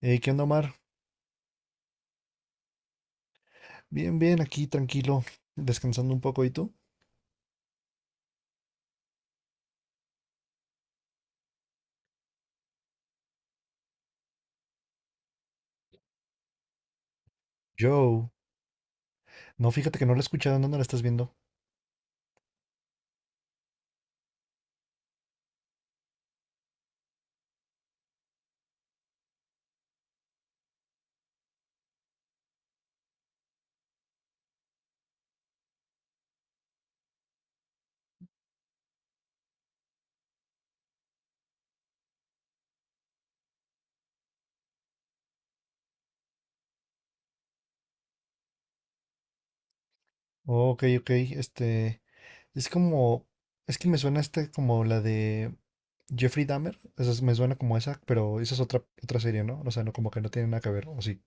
Hey, ¿qué onda, Omar? Bien, bien, aquí tranquilo, descansando un poco. ¿Y tú? Joe. No, fíjate que no la he escuchado. ¿En dónde la estás viendo? Oh, ok, ok. Este. Es como. Es que me suena como la de Jeffrey Dahmer. Me suena como esa, pero esa es otra serie, ¿no? O sea, no, como que no tiene nada que ver, ¿o sí?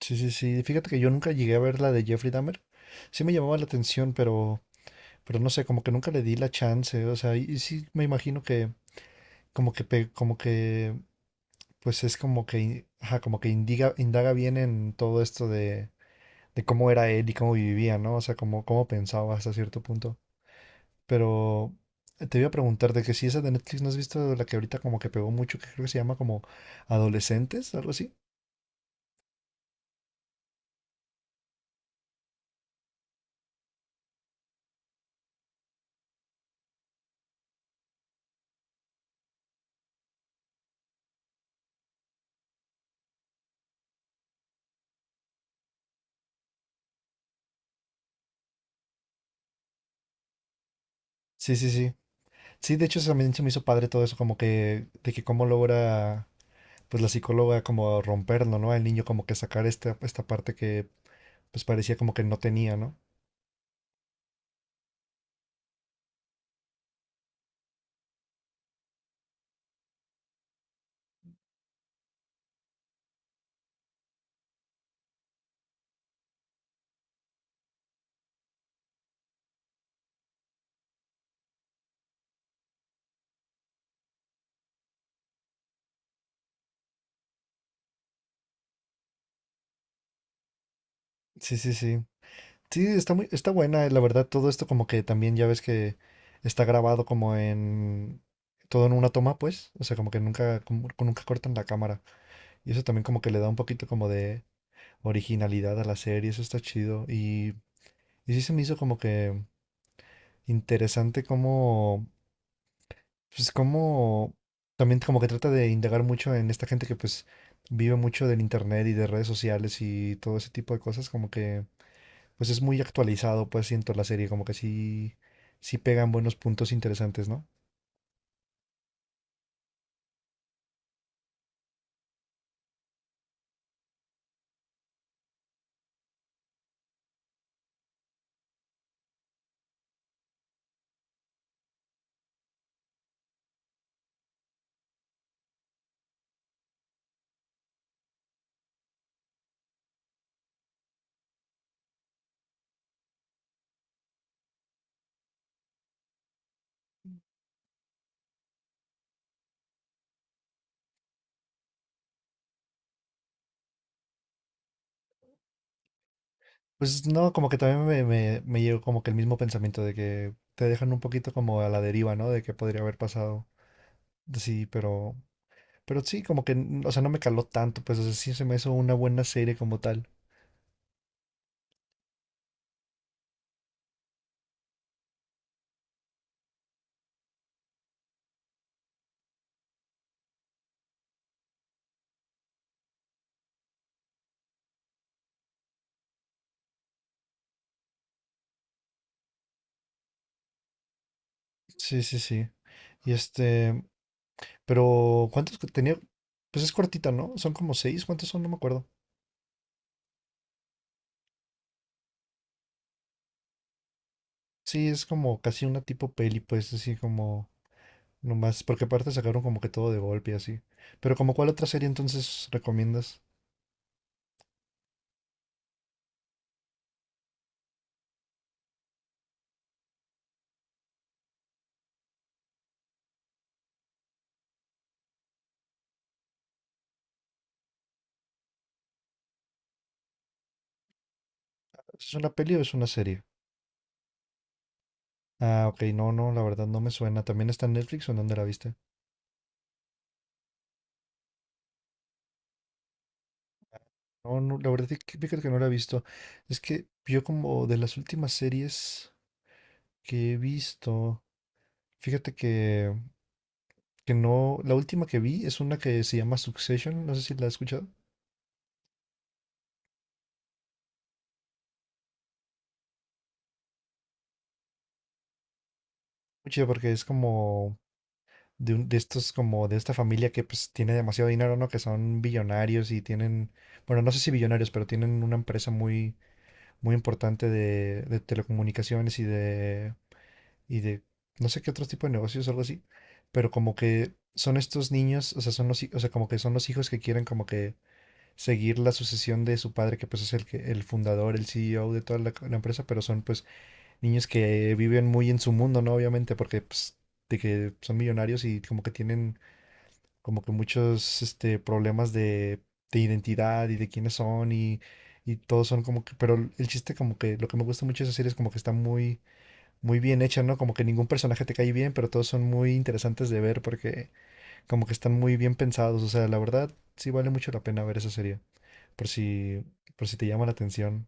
Sí, sí, sí. Fíjate que yo nunca llegué a ver la de Jeffrey Dahmer. Sí me llamaba la atención, pero no sé, como que nunca le di la chance. O sea, y sí me imagino que, como que, como que pues es como que, ajá, como que indaga bien en todo esto de, cómo era él y cómo vivía, ¿no? O sea, cómo pensaba hasta cierto punto. Pero te iba a preguntar de que si esa de Netflix no has visto la que ahorita como que pegó mucho, que creo que se llama como Adolescentes, algo así. Sí, sí, sí. Sí, de hecho eso también se me hizo padre todo eso, como que, de que cómo logra, pues la psicóloga como romperlo, ¿no? El niño como que sacar esta parte que pues parecía como que no tenía, ¿no? Sí, sí, sí. Sí, está buena, la verdad, todo esto como que también ya ves que está grabado como en todo en una toma, pues, o sea, como que nunca, nunca cortan la cámara. Y eso también como que le da un poquito como de originalidad a la serie, eso está chido. Y sí se me hizo como que interesante como, pues como, también como que trata de indagar mucho en esta gente que pues vive mucho del internet y de redes sociales y todo ese tipo de cosas, como que pues es muy actualizado, pues siento la serie, como que sí, sí pegan buenos puntos interesantes, ¿no? Pues no, como que también me llegó como que el mismo pensamiento de que te dejan un poquito como a la deriva, ¿no? De qué podría haber pasado. Sí, pero sí, como que, o sea, no me caló tanto, pues o sea, sí se me hizo una buena serie como tal. Sí, sí, sí. Y pero ¿cuántos que tenía? Pues es cortita, ¿no? Son como seis, ¿cuántos son? No me acuerdo. Sí, es como casi una tipo peli, pues así como nomás, porque aparte sacaron como que todo de golpe y así. ¿Pero como cuál otra serie entonces recomiendas? ¿Es una peli o es una serie? Ah, ok, no, no, la verdad no me suena. ¿También está en Netflix o en dónde la viste? No, no, la verdad es que fíjate que no la he visto. Es que yo como de las últimas series que he visto, fíjate que, no, la última que vi es una que se llama Succession, no sé si la has escuchado. Mucho porque es como de estos como de esta familia que pues tiene demasiado dinero, ¿no? Que son billonarios y tienen, bueno, no sé si billonarios, pero tienen una empresa muy, muy importante de, telecomunicaciones y de, no sé qué otro tipo de negocios, algo así, pero como que son estos niños, o sea, son o sea, como que son los hijos que quieren como que seguir la sucesión de su padre, que pues es el fundador, el CEO de toda la empresa, pero son pues niños que viven muy en su mundo, ¿no? Obviamente, porque pues de que son millonarios y como que tienen como que muchos problemas de identidad y de quiénes son y todos son como que, pero el chiste como que lo que me gusta mucho de esa serie es como que está muy, muy bien hecha, ¿no? Como que ningún personaje te cae bien, pero todos son muy interesantes de ver porque como que están muy bien pensados, o sea, la verdad sí vale mucho la pena ver esa serie, por si, por si te llama la atención.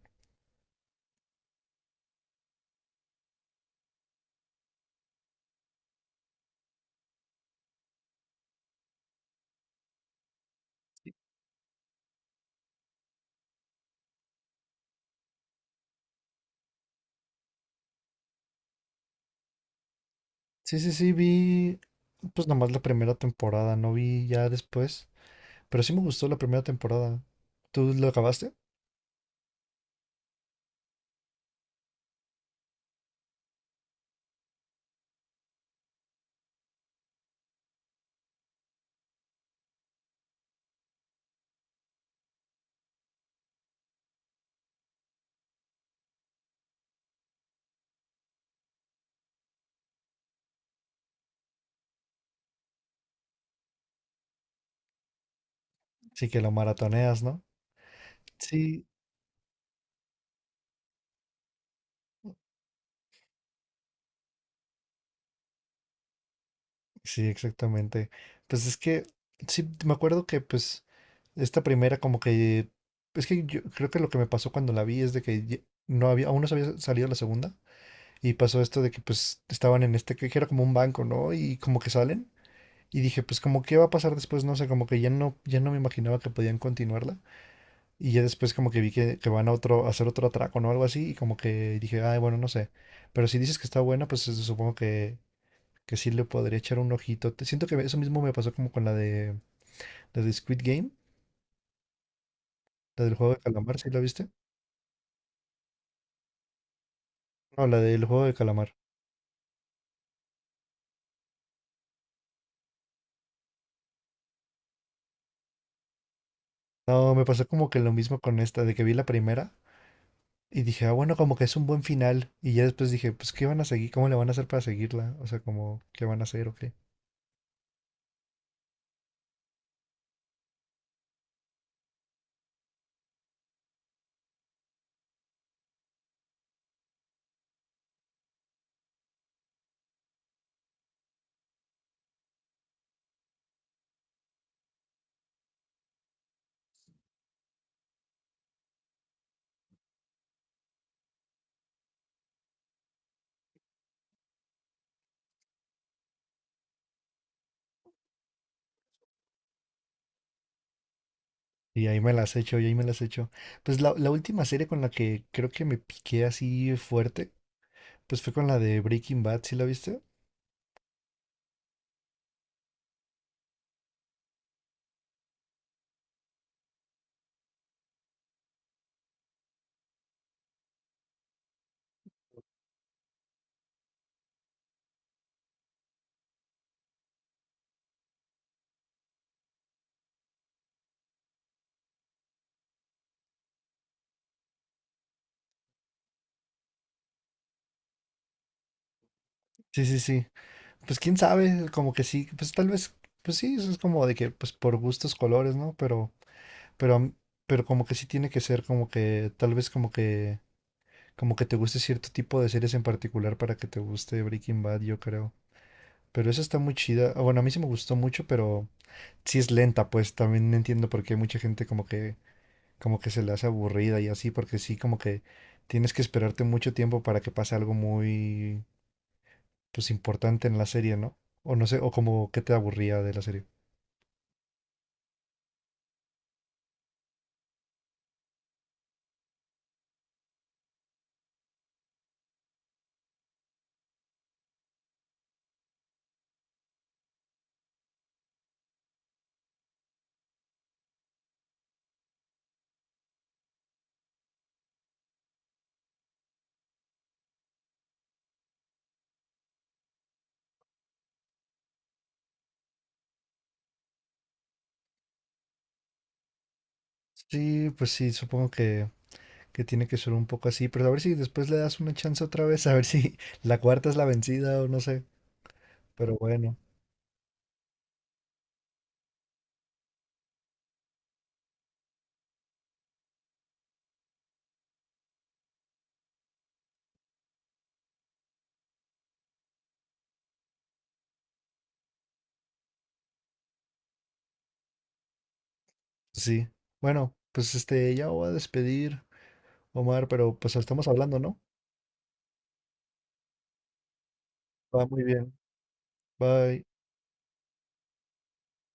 Sí, sí, sí, vi pues nomás la primera temporada, no vi ya después, pero sí me gustó la primera temporada. ¿Tú lo acabaste? Sí que lo maratoneas, ¿no? Sí, sí, exactamente. Pues es que, sí, me acuerdo que pues esta primera como que, es que yo creo que lo que me pasó cuando la vi es de que no había, aún no se había salido la segunda y pasó esto de que pues estaban en este, que era como un banco, ¿no? Y como que salen y dije pues como qué va a pasar después, no sé, como que ya no me imaginaba que podían continuarla y ya después como que vi que van a otro, a hacer otro atraco, ¿no? Algo así y como que dije, ay, bueno, no sé. Pero si dices que está buena, pues supongo que sí le podría echar un ojito. Siento que eso mismo me pasó como con la de Squid Game, la del juego de calamar, ¿sí la viste? No, la del juego de calamar. No, me pasó como que lo mismo con esta, de que vi la primera y dije, ah, bueno, como que es un buen final. Y ya después dije, pues, ¿qué van a seguir? ¿Cómo le van a hacer para seguirla? O sea, como, ¿qué van a hacer o qué? Y ahí me las echo, y ahí me las echo. Pues la última serie con la que creo que me piqué así fuerte, pues fue con la de Breaking Bad, ¿sí la viste? Sí, sí, sí. Pues quién sabe, como que sí, pues tal vez, pues sí, eso es como de que, pues por gustos, colores, ¿no? Pero, a m- pero como que sí tiene que ser como que, tal vez como que te guste cierto tipo de series en particular para que te guste Breaking Bad, yo creo. Pero esa está muy chida. Ah, bueno, a mí sí me gustó mucho, pero sí es lenta, pues también entiendo por qué mucha gente como que se le hace aburrida y así, porque sí, como que tienes que esperarte mucho tiempo para que pase algo muy, pues importante en la serie, ¿no? O no sé, o como que te aburría de la serie. Sí, pues sí, supongo que, tiene que ser un poco así, pero a ver si después le das una chance otra vez, a ver si la cuarta es la vencida o no sé, pero bueno, pues sí. Bueno, pues ya me voy a despedir, Omar, pero pues estamos hablando, ¿no? Va muy bien, bye.